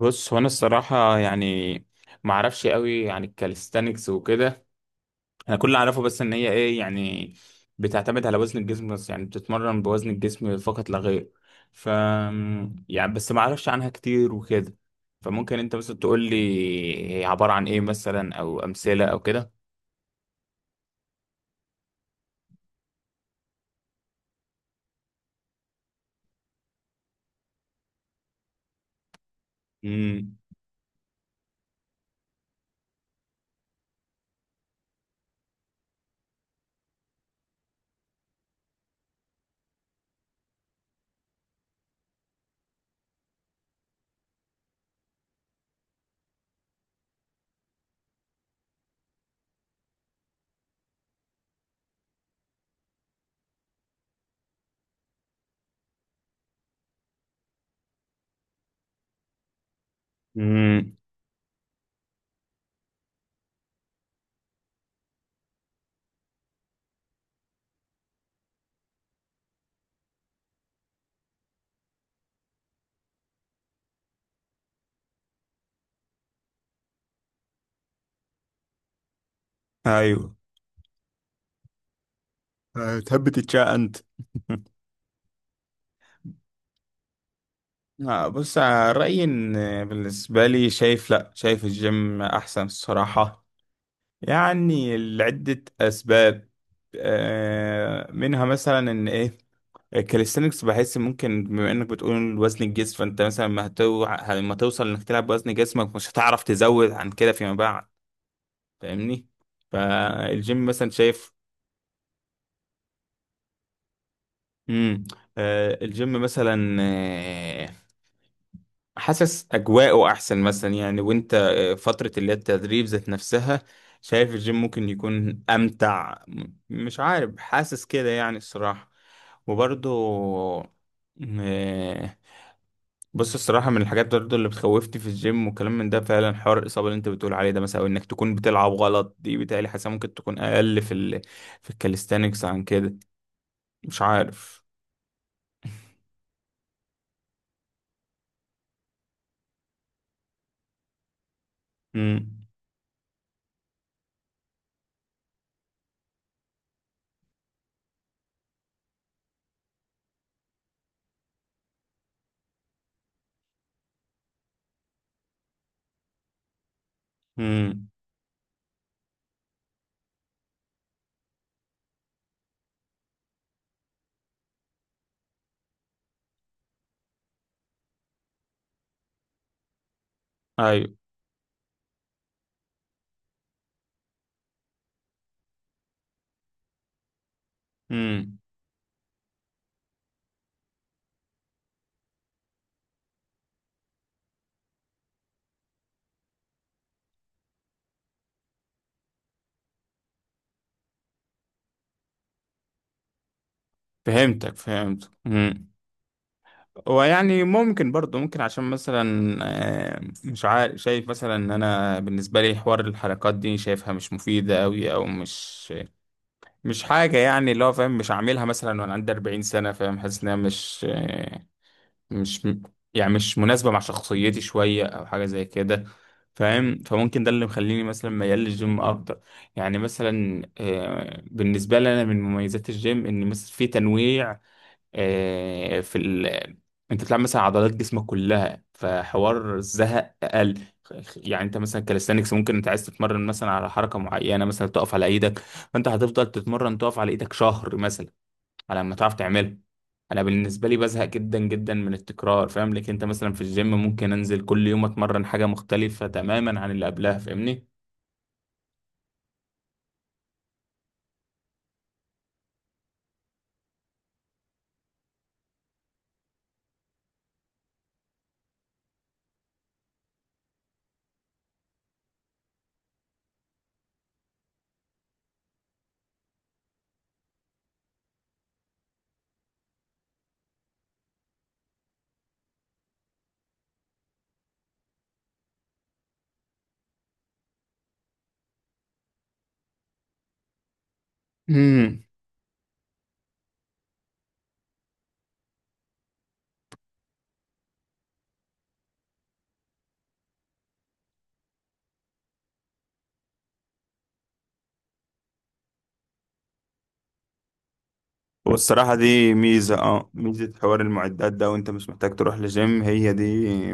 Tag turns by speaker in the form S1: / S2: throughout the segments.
S1: بص، هو انا الصراحه يعني ما اعرفش قوي عن الكاليستانكس وكده. انا كل اللي اعرفه بس ان هي ايه يعني بتعتمد على وزن الجسم بس، يعني بتتمرن بوزن الجسم فقط لا غير. ف يعني بس ما اعرفش عنها كتير وكده، فممكن انت مثلا تقول لي هي عباره عن ايه، مثلا او امثله او كده. امم، امم، ايوه. تحب تتشاء انت؟ آه بص آه، رأيي إن بالنسبة لي شايف، لأ، شايف الجيم أحسن الصراحة، يعني لعدة أسباب. منها مثلا إن إيه الكاليستانكس، بحس ممكن بما إنك بتقول وزن الجسم، فأنت مثلا ما هتو... لما توصل إنك تلعب بوزن جسمك مش هتعرف تزود عن كده فيما بعد، فاهمني؟ فالجيم مثلا شايف. مم. الجيم مثلا، حاسس اجواءه احسن مثلا، يعني وانت فترة اللي هي التدريب ذات نفسها، شايف الجيم ممكن يكون امتع. مش عارف، حاسس كده يعني الصراحة. وبرضو م- بص الصراحة من الحاجات برضو اللي بتخوفتي في الجيم وكلام من ده، فعلا حوار الإصابة اللي أنت بتقول عليه ده مثلا، أو إنك تكون بتلعب غلط، دي بتهيألي حاسة ممكن تكون أقل في في الكاليستانكس عن كده، مش عارف. امم. امم. أيوه. امم. فهمتك، فهمت. ويعني ممكن برضه ممكن عشان مثلا، مش عارف، شايف مثلا ان انا بالنسبه لي حوار الحركات دي شايفها مش مفيده قوي، او مش حاجه يعني، اللي هو فاهم مش عاملها مثلا وانا عندي 40 سنه، فاهم، حاسس انها مش مش م- يعني مش مناسبه مع شخصيتي شويه او حاجه زي كده، فاهم؟ فممكن ده اللي مخليني مثلا ميال للجيم اكتر. يعني مثلا بالنسبه لي انا من مميزات الجيم ان مثلا في تنويع، آه، في ال... انت بتلعب مثلا عضلات جسمك كلها فحوار الزهق اقل. يعني انت مثلا كاليستانكس ممكن انت عايز تتمرن مثلا على حركه معينه، مثلا تقف على ايدك، فانت هتفضل تتمرن تقف على ايدك شهر مثلا على ما تعرف تعملها. انا بالنسبه لي بزهق جدا جدا من التكرار، فاهم لك، انت مثلا في الجيم ممكن انزل كل يوم اتمرن حاجه مختلفه تماما عن اللي قبلها، فاهمني؟ والصراحة دي ميزة، اه، ميزة، حوار المعدات ده وانت مش محتاج تروح لجيم، هي دي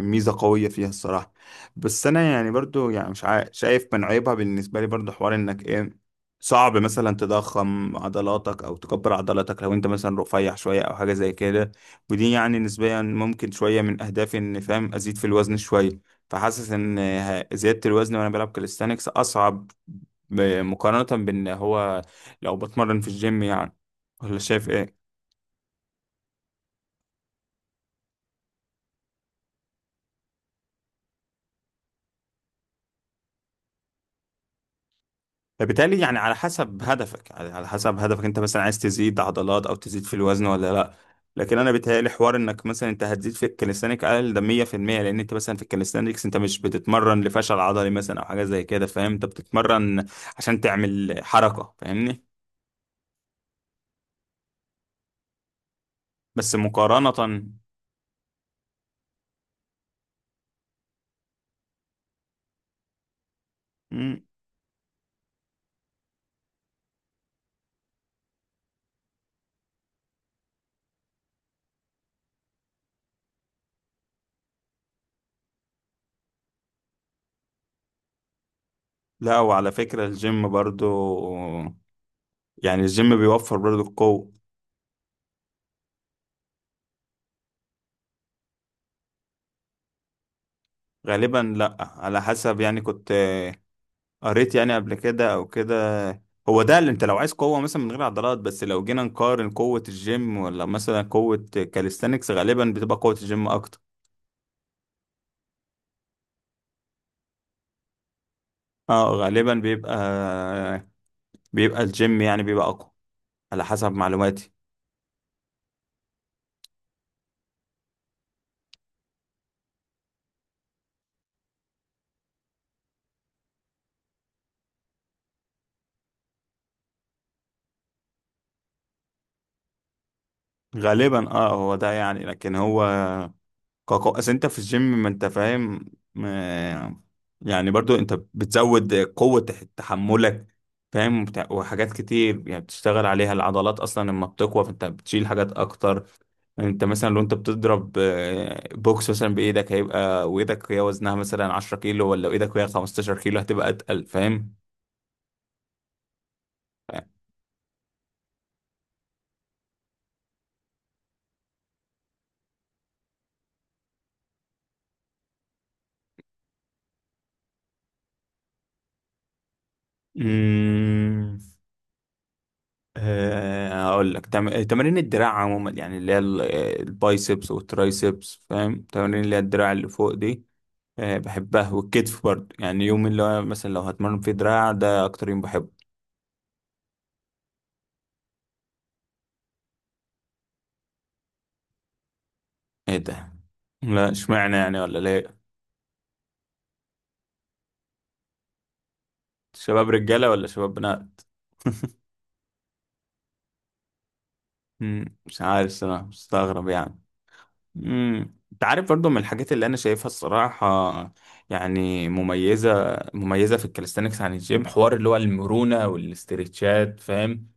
S1: ميزة قوية فيها الصراحة. بس انا يعني برضو يعني مش عا- شايف من عيبها بالنسبة لي برضو حوار انك ايه صعب مثلا تضخم عضلاتك او تكبر عضلاتك لو انت مثلا رفيع شوية او حاجة زي كده، ودي يعني نسبيا ممكن شوية من اهدافي ان فاهم ازيد في الوزن شوية. فحاسس ان زيادة الوزن وانا بلعب كاليستانكس اصعب، مقارنة بان هو لو بتمرن في الجيم يعني، ولا شايف ايه؟ بالتالي يعني على حسب هدفك، على حسب هدفك انت مثلا عايز تزيد عضلات او تزيد في الوزن ولا لا. لكن انا بيتهيألي حوار انك مثلا انت هتزيد في الكاليستانيك اقل، ده 100%، لان انت مثلا في الكاليستانيكس انت مش بتتمرن لفشل عضلي مثلا او حاجه زي كده، فاهم؟ انت بتتمرن عشان تعمل حركه، فاهمني؟ بس مقارنه. مم. لا، وعلى فكره الجيم برضو، يعني الجيم بيوفر برضو القوه. غالبا لا، على حسب يعني، كنت قريت يعني قبل كده او كده، هو ده اللي انت لو عايز قوة مثلا من غير عضلات. بس لو جينا نقارن قوة الجيم ولا مثلا قوة كاليستانكس، غالبا بتبقى قوة الجيم اكتر. اه غالبا بيبقى، بيبقى الجيم يعني بيبقى اقوى، على حسب معلوماتي. غالبا اه هو ده يعني، لكن هو كاكو اصل انت في الجيم ما انت فاهم، ما- يعني برضو انت بتزود قوة تحملك، فاهم، وحاجات كتير يعني بتشتغل عليها العضلات، اصلا لما بتقوى فانت بتشيل حاجات اكتر. انت مثلا لو انت بتضرب بوكس مثلا بايدك، هيبقى وايدك هي وزنها مثلا 10 كيلو ولا ايدك هي 15 كيلو هتبقى اتقل، فاهم؟ مم. هقول لك، تمارين الدراع عموما يعني، اللي هي البايسبس والترايسبس، فاهم، تمارين اللي هي الدراع اللي فوق دي، بحبها، والكتف برضه، يعني يوم اللي هو مثلا لو هتمرن فيه دراع ده اكتر يوم بحبه. ايه ده؟ لا اشمعنى يعني، ولا ليه؟ شباب رجالة ولا شباب بنات؟ مم، مش عارف صراحة، مستغرب يعني. امم، انت عارف برضو من الحاجات اللي انا شايفها الصراحه يعني مميزه في الكاليستانكس عن الجيم، حوار اللي هو المرونه والاسترتشات، فاهم،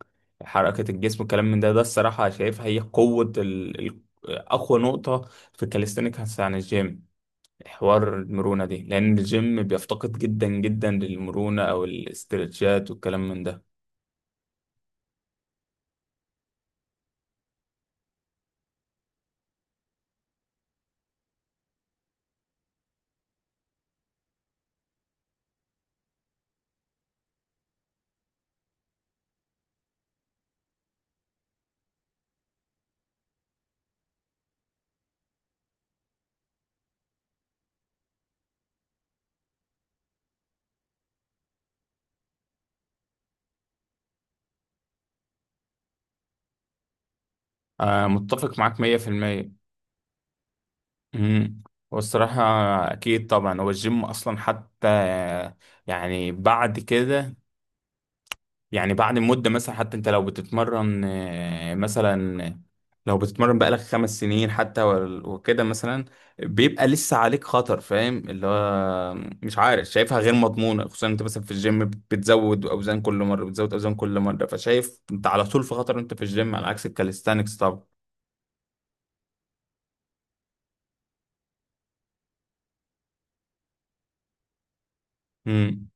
S1: حركه الجسم والكلام من ده الصراحه شايفها هي قوه اقوى نقطه في الكاليستانكس عن الجيم، حوار المرونه دي، لان الجيم بيفتقد جدا جدا للمرونه او الاسترتشات والكلام من ده. آه متفق معاك 100%. امم. والصراحة، أكيد طبعا هو الجيم أصلا حتى يعني بعد كده، يعني بعد مدة مثلا، حتى أنت لو بتتمرن مثلا لو بتتمرن بقالك 5 سنين حتى وكده مثلا، بيبقى لسه عليك خطر، فاهم اللي هو، مش عارف شايفها غير مضمونة، خصوصا أنت مثلا في الجيم بتزود أوزان كل مرة بتزود أوزان كل مرة، فشايف أنت على طول في خطر، أنت في الجيم على عكس الكاليستانكس. طبعا.